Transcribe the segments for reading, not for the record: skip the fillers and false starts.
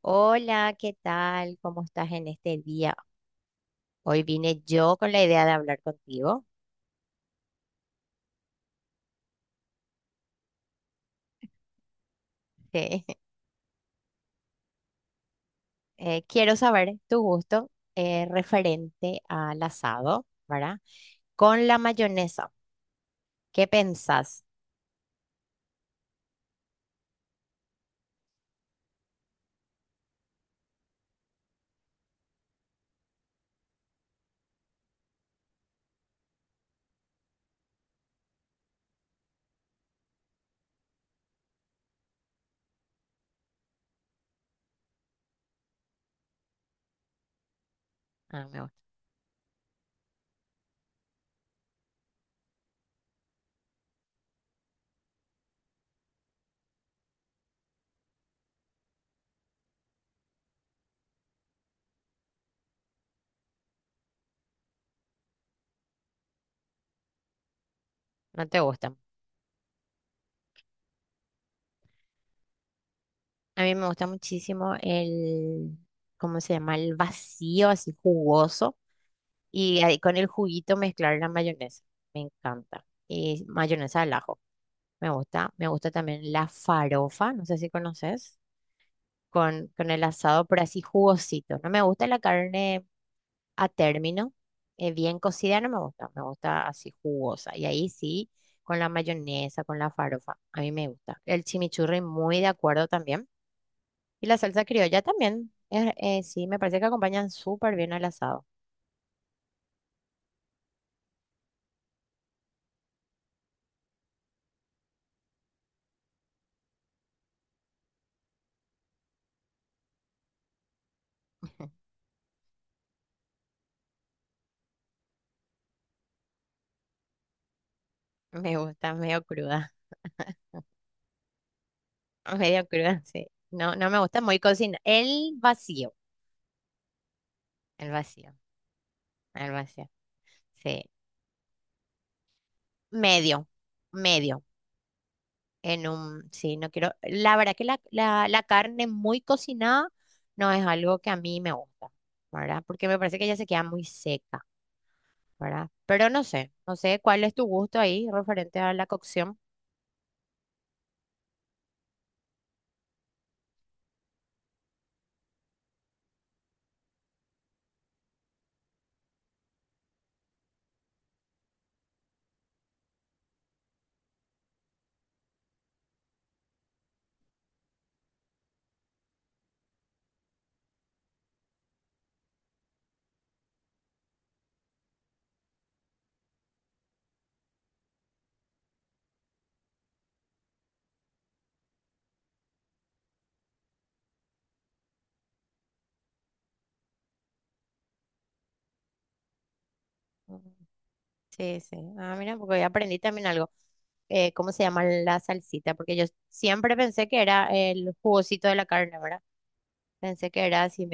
Hola, ¿qué tal? ¿Cómo estás en este día? Hoy vine yo con la idea de hablar contigo. Sí. Quiero saber tu gusto referente al asado, ¿verdad? Con la mayonesa, ¿qué pensás? Ah, me gusta. No te gusta. A mí me gusta muchísimo ¿cómo se llama? El vacío, así jugoso. Y ahí con el juguito mezclar la mayonesa. Me encanta. Y mayonesa al ajo. Me gusta. Me gusta también la farofa. No sé si conoces. Con el asado, pero así jugosito. No me gusta la carne a término. Bien cocida no me gusta. Me gusta así jugosa. Y ahí sí, con la mayonesa, con la farofa. A mí me gusta. El chimichurri, muy de acuerdo también. Y la salsa criolla también. Sí, me parece que acompañan súper bien al asado. Me gusta, medio cruda. Medio cruda, sí. No, no me gusta muy cocina. El vacío, el vacío, sí. Medio, medio, en un, sí, no quiero, la verdad que la carne muy cocinada no es algo que a mí me gusta, ¿verdad? Porque me parece que ya se queda muy seca, ¿verdad? Pero no sé, no sé cuál es tu gusto ahí referente a la cocción. Ujú. Sí, sí. Ah, mira, porque hoy aprendí también algo. ¿Cómo se llama la salsita? Porque yo siempre pensé que era el jugosito de la carne, ¿verdad? Pensé que era así.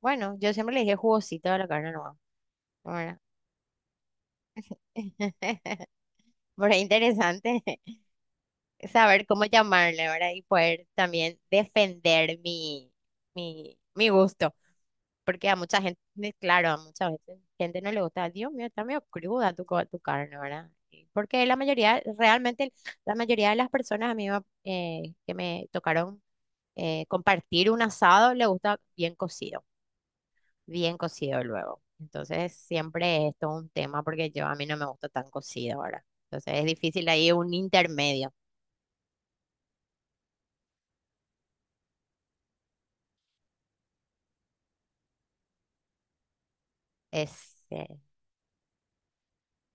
Bueno, yo siempre le dije jugosito a la carne nomás, ¿verdad? Pero es interesante. Saber cómo llamarle, ¿verdad? Y poder también defender mi gusto. Porque a mucha gente, claro, a mucha gente no le gusta, Dios mío, está medio cruda tu carne, ¿verdad? Y porque la mayoría, realmente, la mayoría de las personas a que me tocaron compartir un asado le gusta bien cocido, bien cocido luego. Entonces, siempre es todo un tema porque yo a mí no me gusta tan cocido ahora. Entonces, es difícil ahí un intermedio. Es, eh,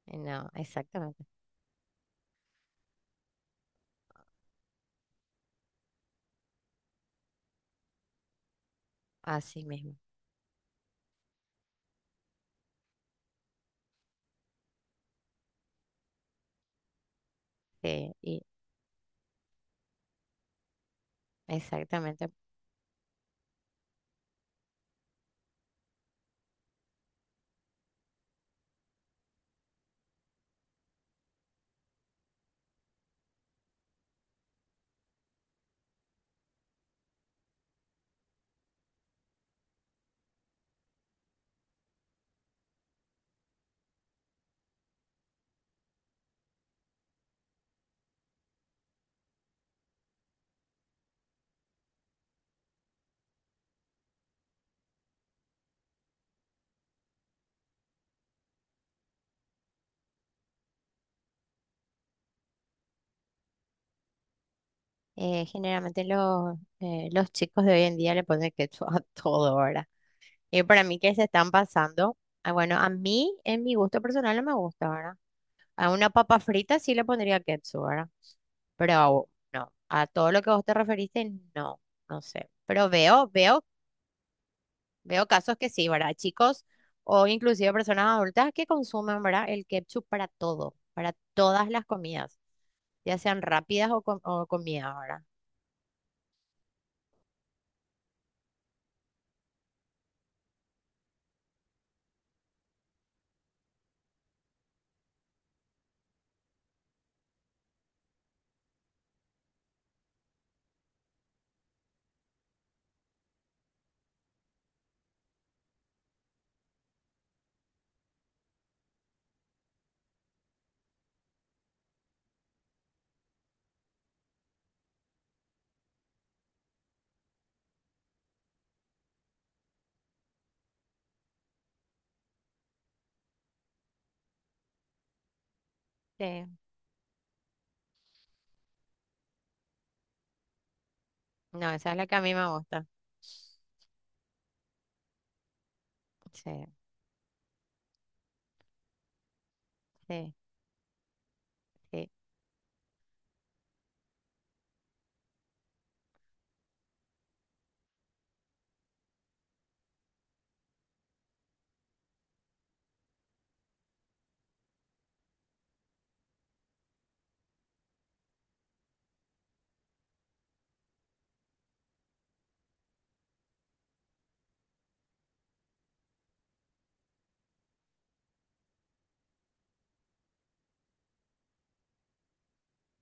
no, exactamente, así mismo. Sí, y exactamente. Generalmente los chicos de hoy en día le ponen ketchup a todo ahora. Y para mí que se están pasando. Ah, bueno, a mí en mi gusto personal no me gusta ahora. A una papa frita sí le pondría ketchup, ¿verdad? Pero a no, a todo lo que vos te referiste, no, no sé. Pero veo casos que sí, ¿verdad? Chicos o inclusive personas adultas que consumen, ¿verdad? El ketchup para todo, para todas las comidas, ya sean rápidas o comidas, ¿verdad? Sí, no, esa es la que a mí me gusta. Sí, sí, sí.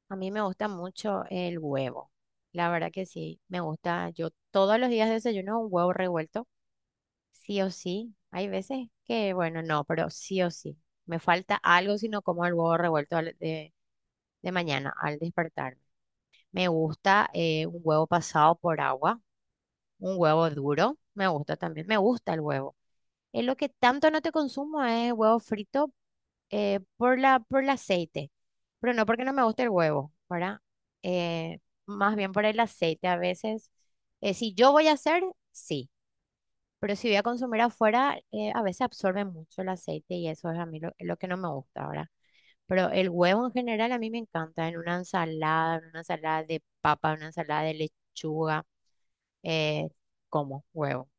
A mí me gusta mucho el huevo. La verdad que sí, me gusta. Yo todos los días desayuno un huevo revuelto, sí o sí. Hay veces que, bueno, no, pero sí o sí. Me falta algo si no como el huevo revuelto de mañana al despertarme. Me gusta un huevo pasado por agua, un huevo duro. Me gusta también. Me gusta el huevo. Es lo que tanto no te consumo es huevo frito, por por el aceite. Pero no porque no me guste el huevo, ¿verdad? Eh, Más bien por el aceite. A veces, si yo voy a hacer, sí. Pero si voy a consumir afuera, a veces absorbe mucho el aceite y eso es a mí lo que no me gusta ahora. Pero el huevo en general a mí me encanta en una ensalada de papa, en una ensalada de lechuga, eh, como huevo.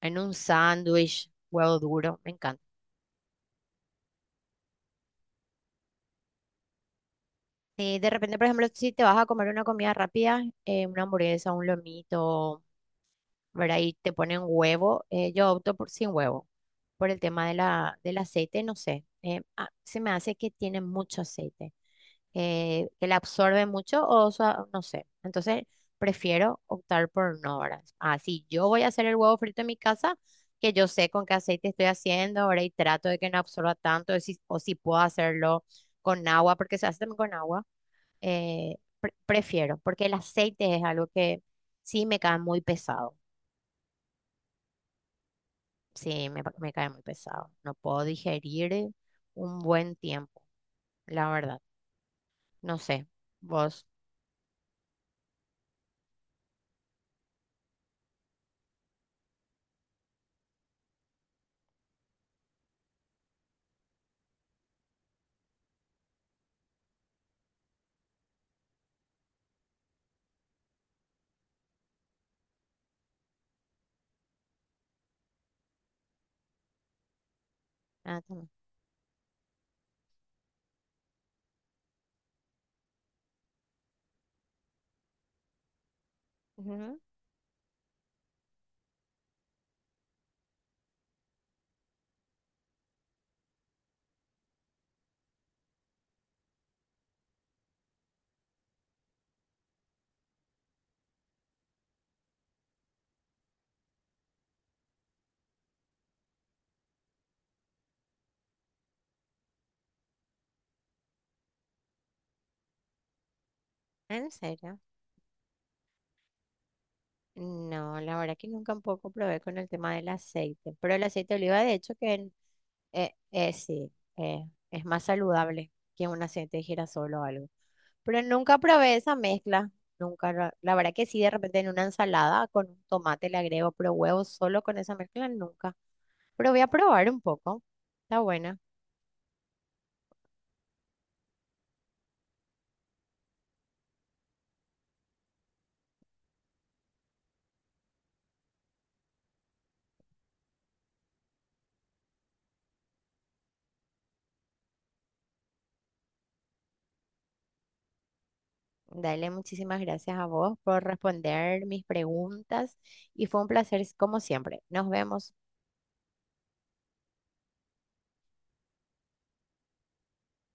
En un sándwich, huevo duro, me encanta. Y de repente, por ejemplo, si te vas a comer una comida rápida, una hamburguesa, un lomito, ¿verdad? Y te ponen huevo. Yo opto por sin huevo, por el tema de del aceite, no sé. Se me hace que tiene mucho aceite, que la absorbe mucho sea, no sé. Entonces, prefiero optar por no, ¿verdad? Ah, si yo voy a hacer el huevo frito en mi casa, que yo sé con qué aceite estoy haciendo, ¿verdad? Y trato de que no absorba tanto, o si puedo hacerlo con agua, porque se hace también con agua. Prefiero, porque el aceite es algo que sí me cae muy pesado. Sí, me cae muy pesado. No puedo digerir un buen tiempo, la verdad. No sé, vos. Ah, toma. Ujú. ¿En serio? No, la verdad que nunca un poco probé con el tema del aceite, pero el aceite de oliva de hecho que sí, eh, es más saludable que un aceite de girasol o algo. Pero nunca probé esa mezcla, nunca. La verdad que sí, de repente en una ensalada con un tomate le agrego, pero huevos solo con esa mezcla nunca. Pero voy a probar un poco, está buena. Dale, muchísimas gracias a vos por responder mis preguntas y fue un placer como siempre. Nos vemos.